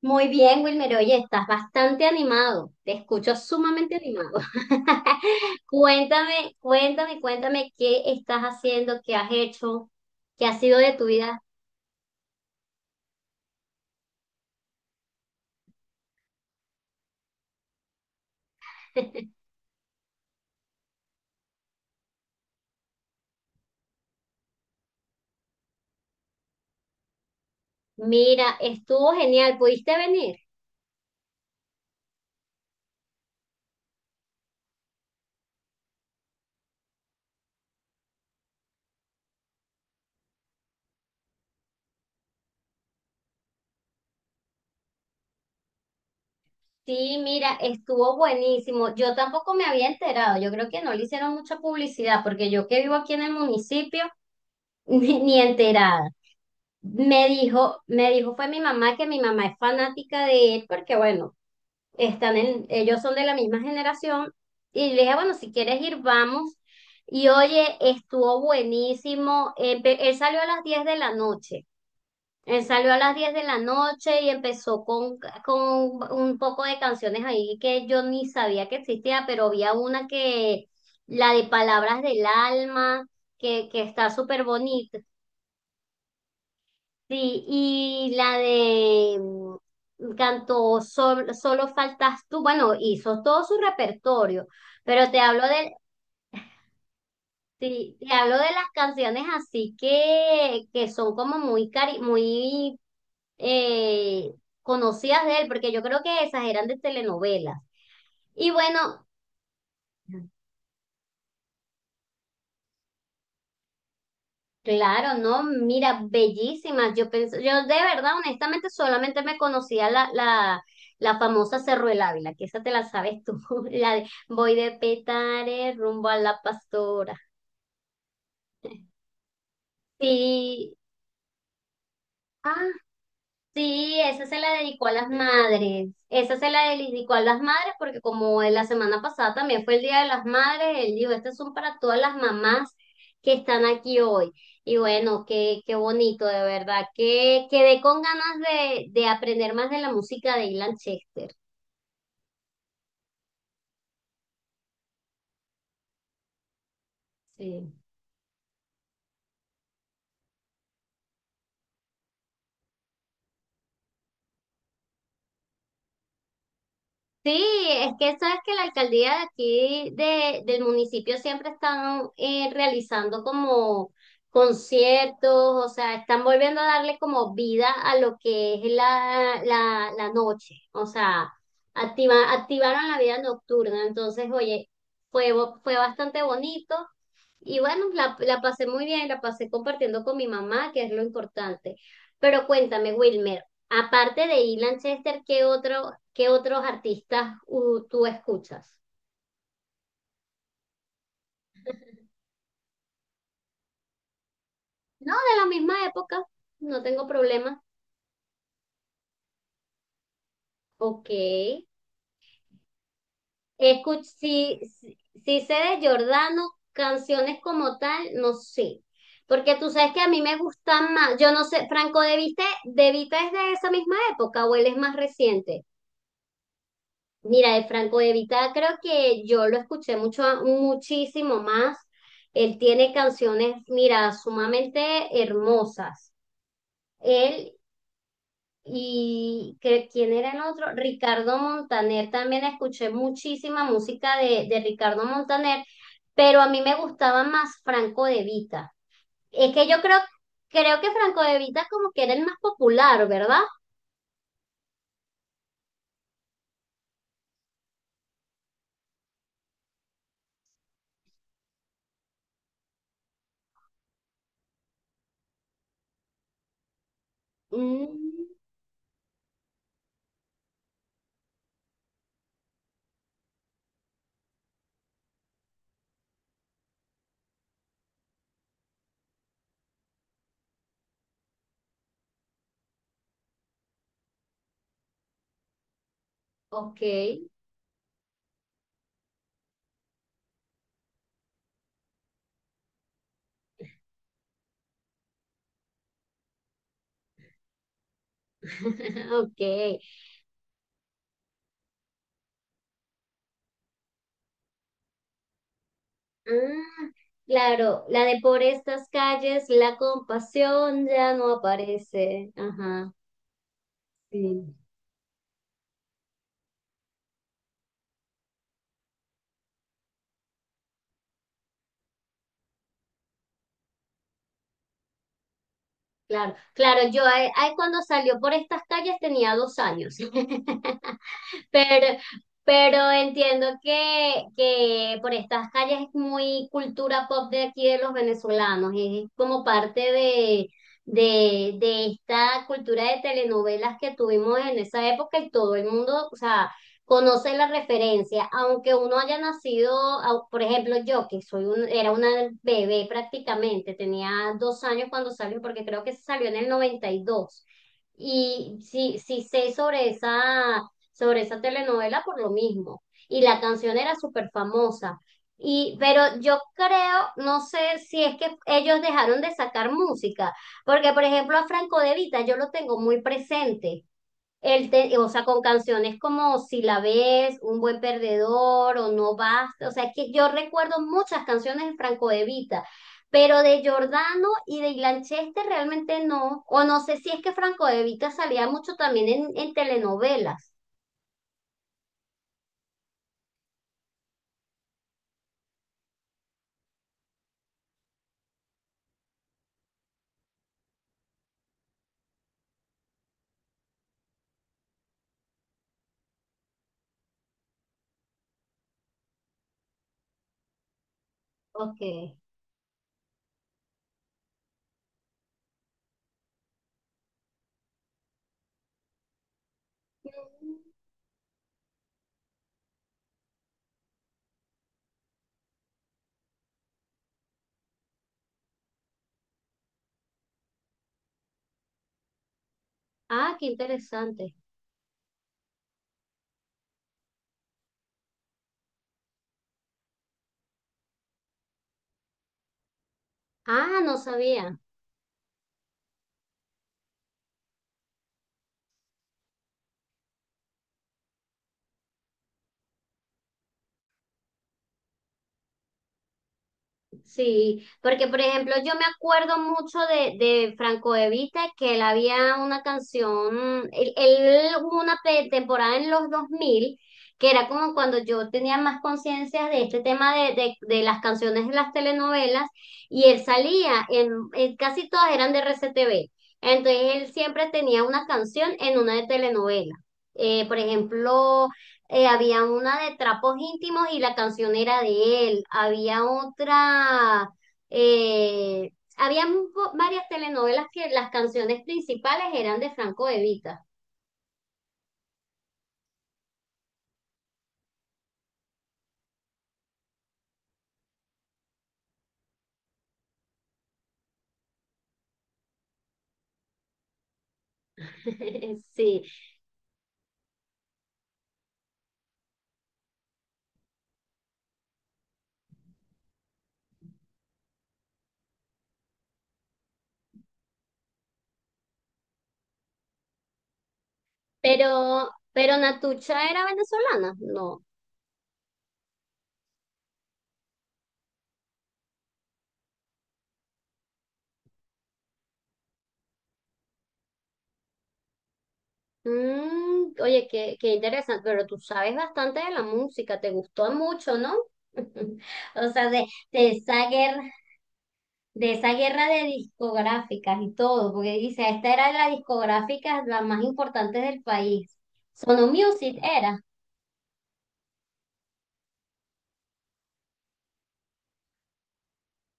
Muy bien, Wilmer. Oye, estás bastante animado. Te escucho sumamente animado. Cuéntame, cuéntame, cuéntame qué estás haciendo, qué has hecho, qué ha sido de tu vida. Mira, estuvo genial. ¿Pudiste venir? Sí, mira, estuvo buenísimo. Yo tampoco me había enterado. Yo creo que no le hicieron mucha publicidad porque yo que vivo aquí en el municipio, ni enterada. Fue mi mamá, que mi mamá es fanática de él porque, bueno, ellos son de la misma generación, y le dije, bueno, si quieres ir, vamos. Y oye, estuvo buenísimo. Él salió a las 10 de la noche. Él salió a las 10 de la noche y empezó con un poco de canciones ahí que yo ni sabía que existía, pero había una, que, la de Palabras del Alma, que está súper bonita. Sí, y la de, cantó Solo faltas tú. Bueno, hizo todo su repertorio, pero sí, te hablo de las canciones así que son como muy, cari muy eh, conocidas de él, porque yo creo que esas eran de telenovelas. Y bueno, claro, no, mira, bellísimas. Yo pensé, yo de verdad, honestamente, solamente me conocía la famosa Cerro del Ávila, que esa te la sabes tú, la de voy de Petare rumbo a la Pastora. Sí, ah, sí, esa se la dedicó a las madres. Esa se la dedicó a las madres porque como en la semana pasada también fue el Día de las Madres, él dijo, estas son para todas las mamás que están aquí hoy. Y bueno, qué, qué bonito, de verdad, que quedé con ganas de aprender más de la música de Ilan Chester. Sí. Sí, es que sabes que la alcaldía de aquí del municipio siempre están realizando como conciertos, o sea, están volviendo a darle como vida a lo que es la noche, o sea, activaron la vida nocturna. Entonces, oye, fue bastante bonito, y bueno, la pasé muy bien. La pasé compartiendo con mi mamá, que es lo importante. Pero cuéntame, Wilmer, aparte de Ilan Chester, qué otros artistas tú escuchas? No, de la misma época, no tengo problema. Ok. Escuch Si, si, si sé de Jordano. Canciones como tal, no sé. Porque tú sabes que a mí me gustan más, yo no sé, Franco De Vita. ¿De Vita es de esa misma época o él es más reciente? Mira, de Franco De Vita creo que yo lo escuché mucho, muchísimo más. Él tiene canciones, mira, sumamente hermosas. Él ¿Quién era el otro? Ricardo Montaner. También escuché muchísima música de Ricardo Montaner, pero a mí me gustaba más Franco De Vita. Es que yo creo que Franco De Vita como que era el más popular, ¿verdad? Mm, ok. Ok. Ah, claro, la de por estas calles, la compasión ya no aparece. Ajá, sí, claro, claro, yo ahí cuando salió por estas calles tenía 2 años. Pero, pero entiendo que por estas calles es muy cultura pop de aquí, de los venezolanos. Es como parte de esta cultura de telenovelas que tuvimos en esa época, y todo el mundo, o sea, conoce la referencia, aunque uno haya nacido, por ejemplo, yo, que soy era una bebé prácticamente, tenía 2 años cuando salió, porque creo que salió en el 92. Y dos. Y sí, sí sé sobre esa, telenovela por lo mismo. Y la canción era súper famosa. Pero yo creo, no sé si es que ellos dejaron de sacar música, porque por ejemplo a Franco De Vita yo lo tengo muy presente. O sea, con canciones como Si la ves, Un buen perdedor o No basta. O sea, es que yo recuerdo muchas canciones de Franco De Vita, pero de Giordano y de Ilan Chester realmente no. O no sé si es que Franco De Vita salía mucho también en telenovelas. Ok. Ah, qué interesante. Ah, no sabía. Sí, porque por ejemplo yo me acuerdo mucho de Franco de Vita, que él había una canción. Él hubo una temporada en los 2000 que era como cuando yo tenía más conciencia de este tema de las canciones de las telenovelas, y él salía en, casi todas, eran de RCTV, entonces él siempre tenía una canción en una de telenovela. Por ejemplo, había una de Trapos Íntimos y la canción era de él. Había otra. eh, había mu- Varias telenovelas que las canciones principales eran de Franco Evita. Sí, pero Natucha era venezolana, no. Mm, oye, qué interesante. Pero tú sabes bastante de la música, te gustó mucho, ¿no? O sea, de, de esa guerra de esa guerra de discográficas y todo, porque dice, esta era de las discográficas las más importantes del país. Sono Music era.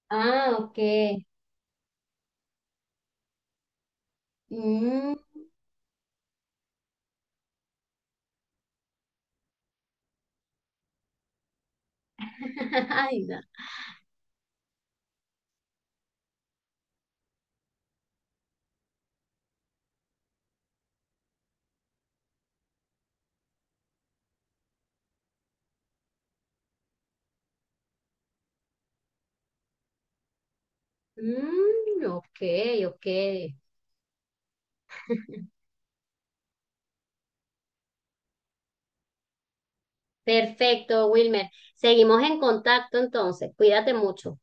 Ah, ok. Mm. Ay, no. Mm, ok, ok. Perfecto, Wilmer. Seguimos en contacto entonces. Cuídate mucho.